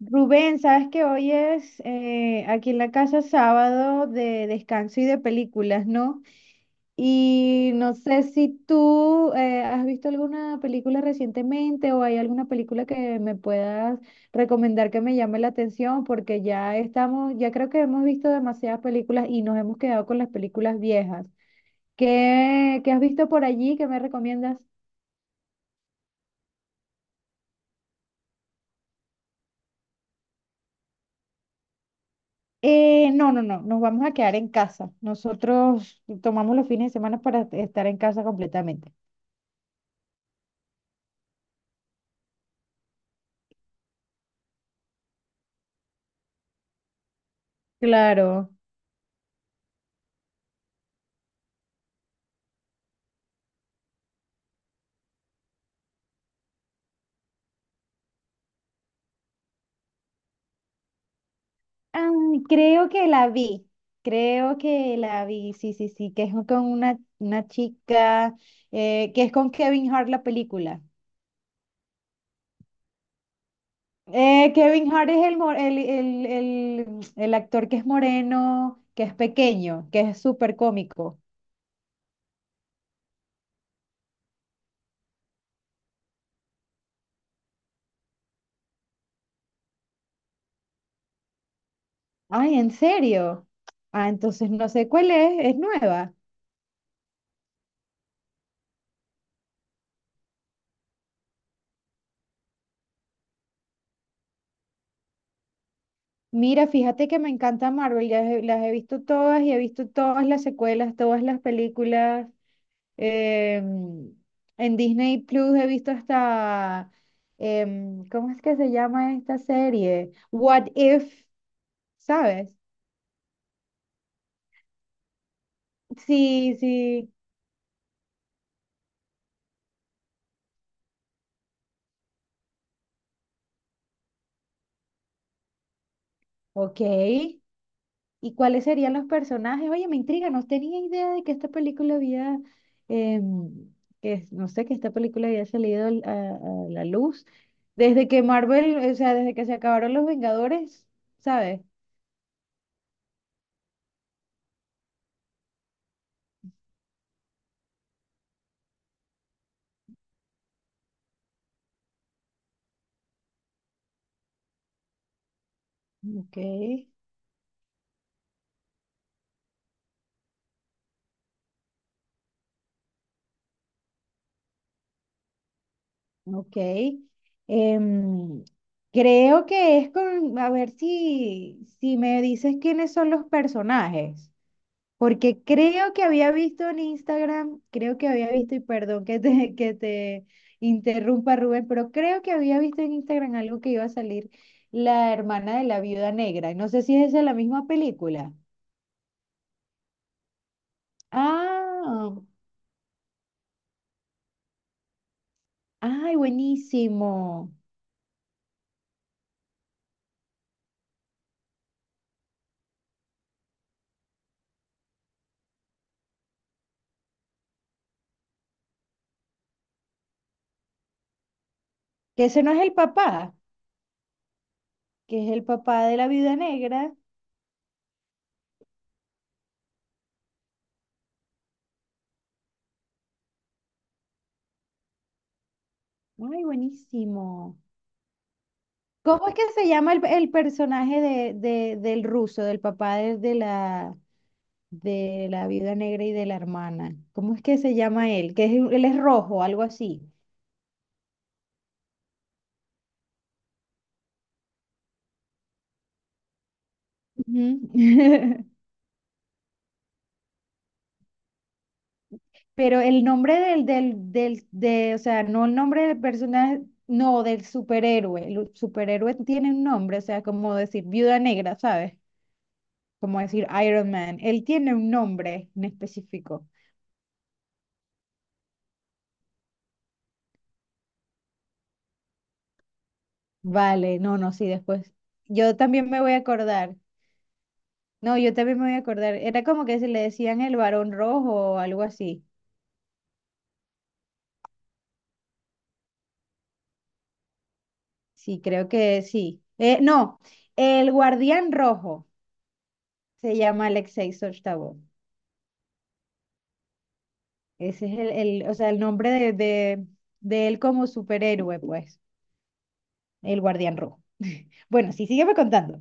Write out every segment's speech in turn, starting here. Rubén, sabes que hoy es aquí en la casa sábado de descanso y de películas, ¿no? Y no sé si tú has visto alguna película recientemente o hay alguna película que me puedas recomendar que me llame la atención, porque ya estamos, ya creo que hemos visto demasiadas películas y nos hemos quedado con las películas viejas. ¿Qué has visto por allí? ¿Qué me recomiendas? No, no, no, nos vamos a quedar en casa. Nosotros tomamos los fines de semana para estar en casa completamente. Claro. Ah, creo que la vi, creo que la vi, sí, sí, sí, que es con una chica, que es con Kevin Hart la película. Kevin Hart es el, mo- el actor que es moreno, que es pequeño, que es súper cómico. Ay, ¿en serio? Ah, entonces no sé cuál es nueva. Mira, fíjate que me encanta Marvel, las he visto todas y he visto todas las secuelas, todas las películas. em, en Disney Plus he visto hasta, ¿cómo es que se llama esta serie? What If, ¿sabes? Sí, sí, ok. ¿Y cuáles serían los personajes? Oye, me intriga, no tenía idea de que esta película había, em, no sé, que esta película había salido a la luz. Desde que Marvel, o sea, desde que se acabaron los Vengadores, ¿sabes? Ok, ok. Em, Creo que es con, a ver si, si me dices quiénes son los personajes. Porque creo que había visto en Instagram, creo que había visto, y perdón que te interrumpa Rubén, pero creo que había visto en Instagram algo que iba a salir la hermana de la viuda negra. No sé si es esa la misma película. Ah, ay, buenísimo. Que ese no es el papá, que es el papá de la viuda negra. Ay, buenísimo. ¿Cómo es que se llama el personaje de, del ruso, del papá de la viuda negra y de la hermana. ¿Cómo es que se llama él? Que es, él es rojo, algo así. Ujú. Pero el nombre del, o sea, no el nombre del personaje, no, del superhéroe. El superhéroe tiene un nombre, o sea, como decir viuda negra, ¿sabes? Como decir Iron Man. Él tiene un nombre en específico. Vale, no, no, sí, después. Yo también me voy a acordar. No, yo también me voy a acordar. Era como que se le decían el varón rojo o algo así. Sí, creo que sí. No, el Guardián Rojo se llama Alexei Sojtabov. Ese es el, o sea, el nombre de él como superhéroe, pues, el Guardián Rojo. Bueno, sí, sígueme contando.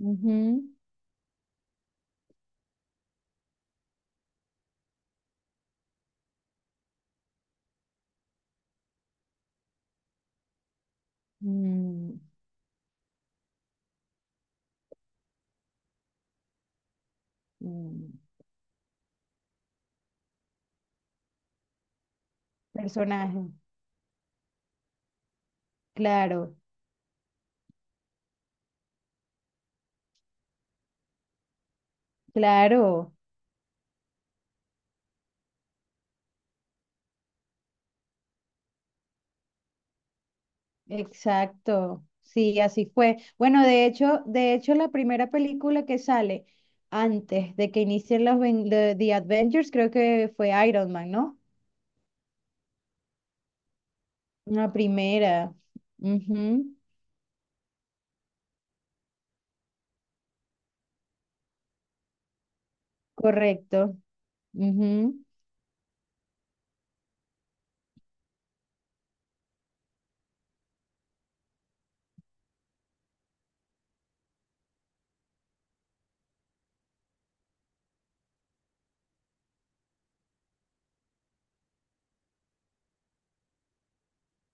Ujú. Mm, mm. Personaje, claro, claro. Exacto, sí, así fue. Bueno, de hecho, la primera película que sale antes de que inicien los The, The Adventures, creo que fue Iron Man, ¿no? La primera. Ujú, correcto. Ujú,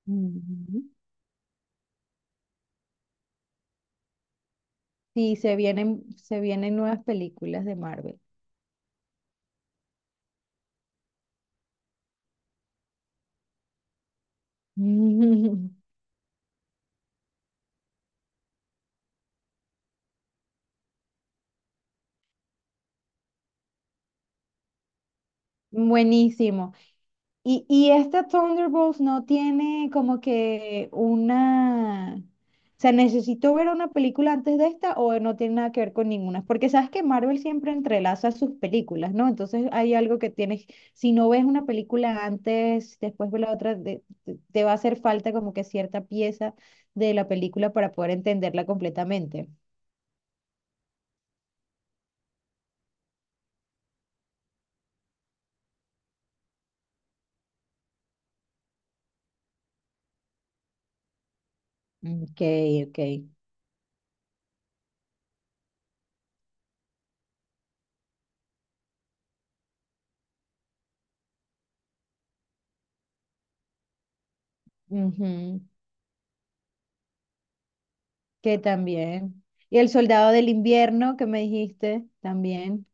ujú. Sí, se vienen nuevas películas de Marvel. Buenísimo. Y esta Thunderbolts no tiene como que una... O sea, ¿necesito ver una película antes de esta o no tiene nada que ver con ninguna? Porque sabes que Marvel siempre entrelaza sus películas, ¿no? Entonces hay algo que tienes, si no ves una película antes, después ves la otra, te, te va a hacer falta como que cierta pieza de la película para poder entenderla completamente. Ok, ok. Ujú. Que también. Y El Soldado del Invierno que me dijiste, también.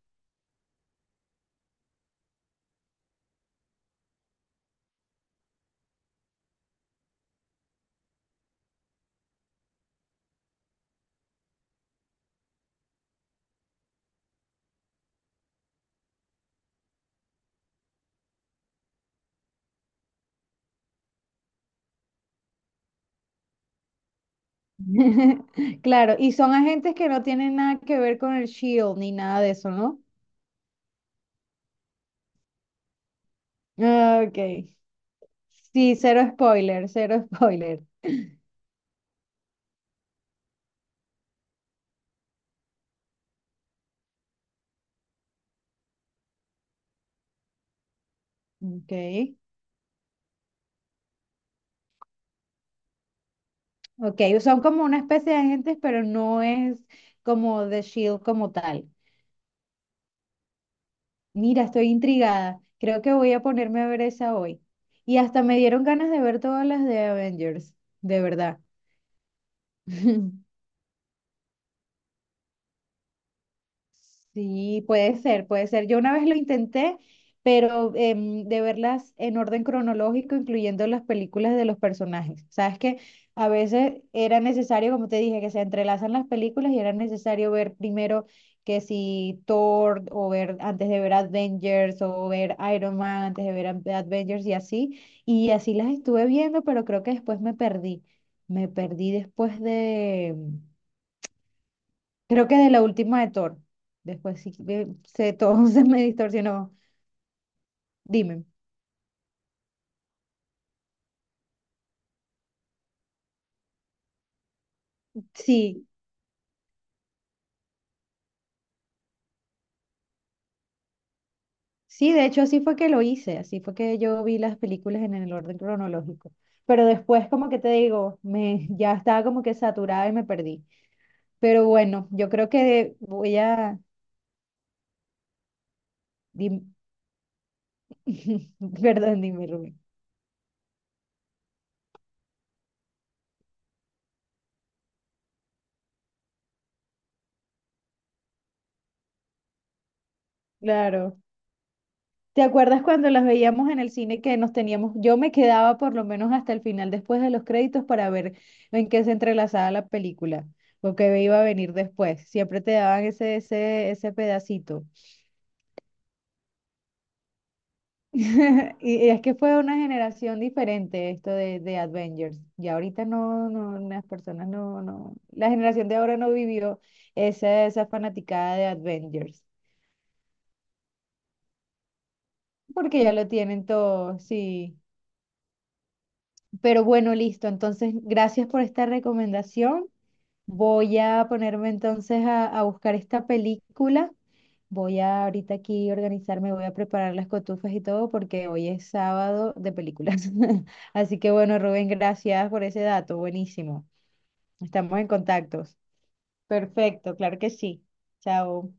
Claro, y son agentes que no tienen nada que ver con el Shield ni nada de eso, ¿no? Ah, ok. Sí, cero spoiler, cero spoiler. Ok. Ok, son como una especie de agentes, pero no es como The Shield como tal. Mira, estoy intrigada. Creo que voy a ponerme a ver esa hoy. Y hasta me dieron ganas de ver todas las de Avengers, de verdad. Sí, puede ser, puede ser. Yo una vez lo intenté, pero de verlas en orden cronológico, incluyendo las películas de los personajes. Sabes que a veces era necesario, como te dije, que se entrelazan las películas y era necesario ver primero que si Thor o ver antes de ver Avengers o ver Iron Man antes de ver Avengers y así. Y así las estuve viendo, pero creo que después me perdí. Me perdí después, creo que de la última de Thor. Después sí que se, todo se me distorsionó. Dime. Sí, sí, de hecho así fue que lo hice. Así fue que yo vi las películas en el orden cronológico. Pero después, como que te digo, me, ya estaba como que saturada y me perdí. Pero bueno, yo creo que voy a... dim- Perdón, dime, Rubén. Claro. ¿Te acuerdas cuando las veíamos en el cine que nos teníamos, yo me quedaba por lo menos hasta el final después de los créditos para ver en qué se entrelazaba la película o qué iba a venir después? Siempre te daban ese pedacito. Y es que fue una generación diferente esto de Avengers. Y ahorita no, no, las personas no, no, la generación de ahora no vivió esa, esa fanaticada de Avengers, porque ya lo tienen todo, sí. Pero bueno, listo. Entonces, gracias por esta recomendación. Voy a ponerme entonces a buscar esta película. Voy a ahorita aquí organizarme, voy a preparar las cotufas y todo porque hoy es sábado de películas. Así que bueno, Rubén, gracias por ese dato. Buenísimo. Estamos en contactos. Perfecto, claro que sí. Chao.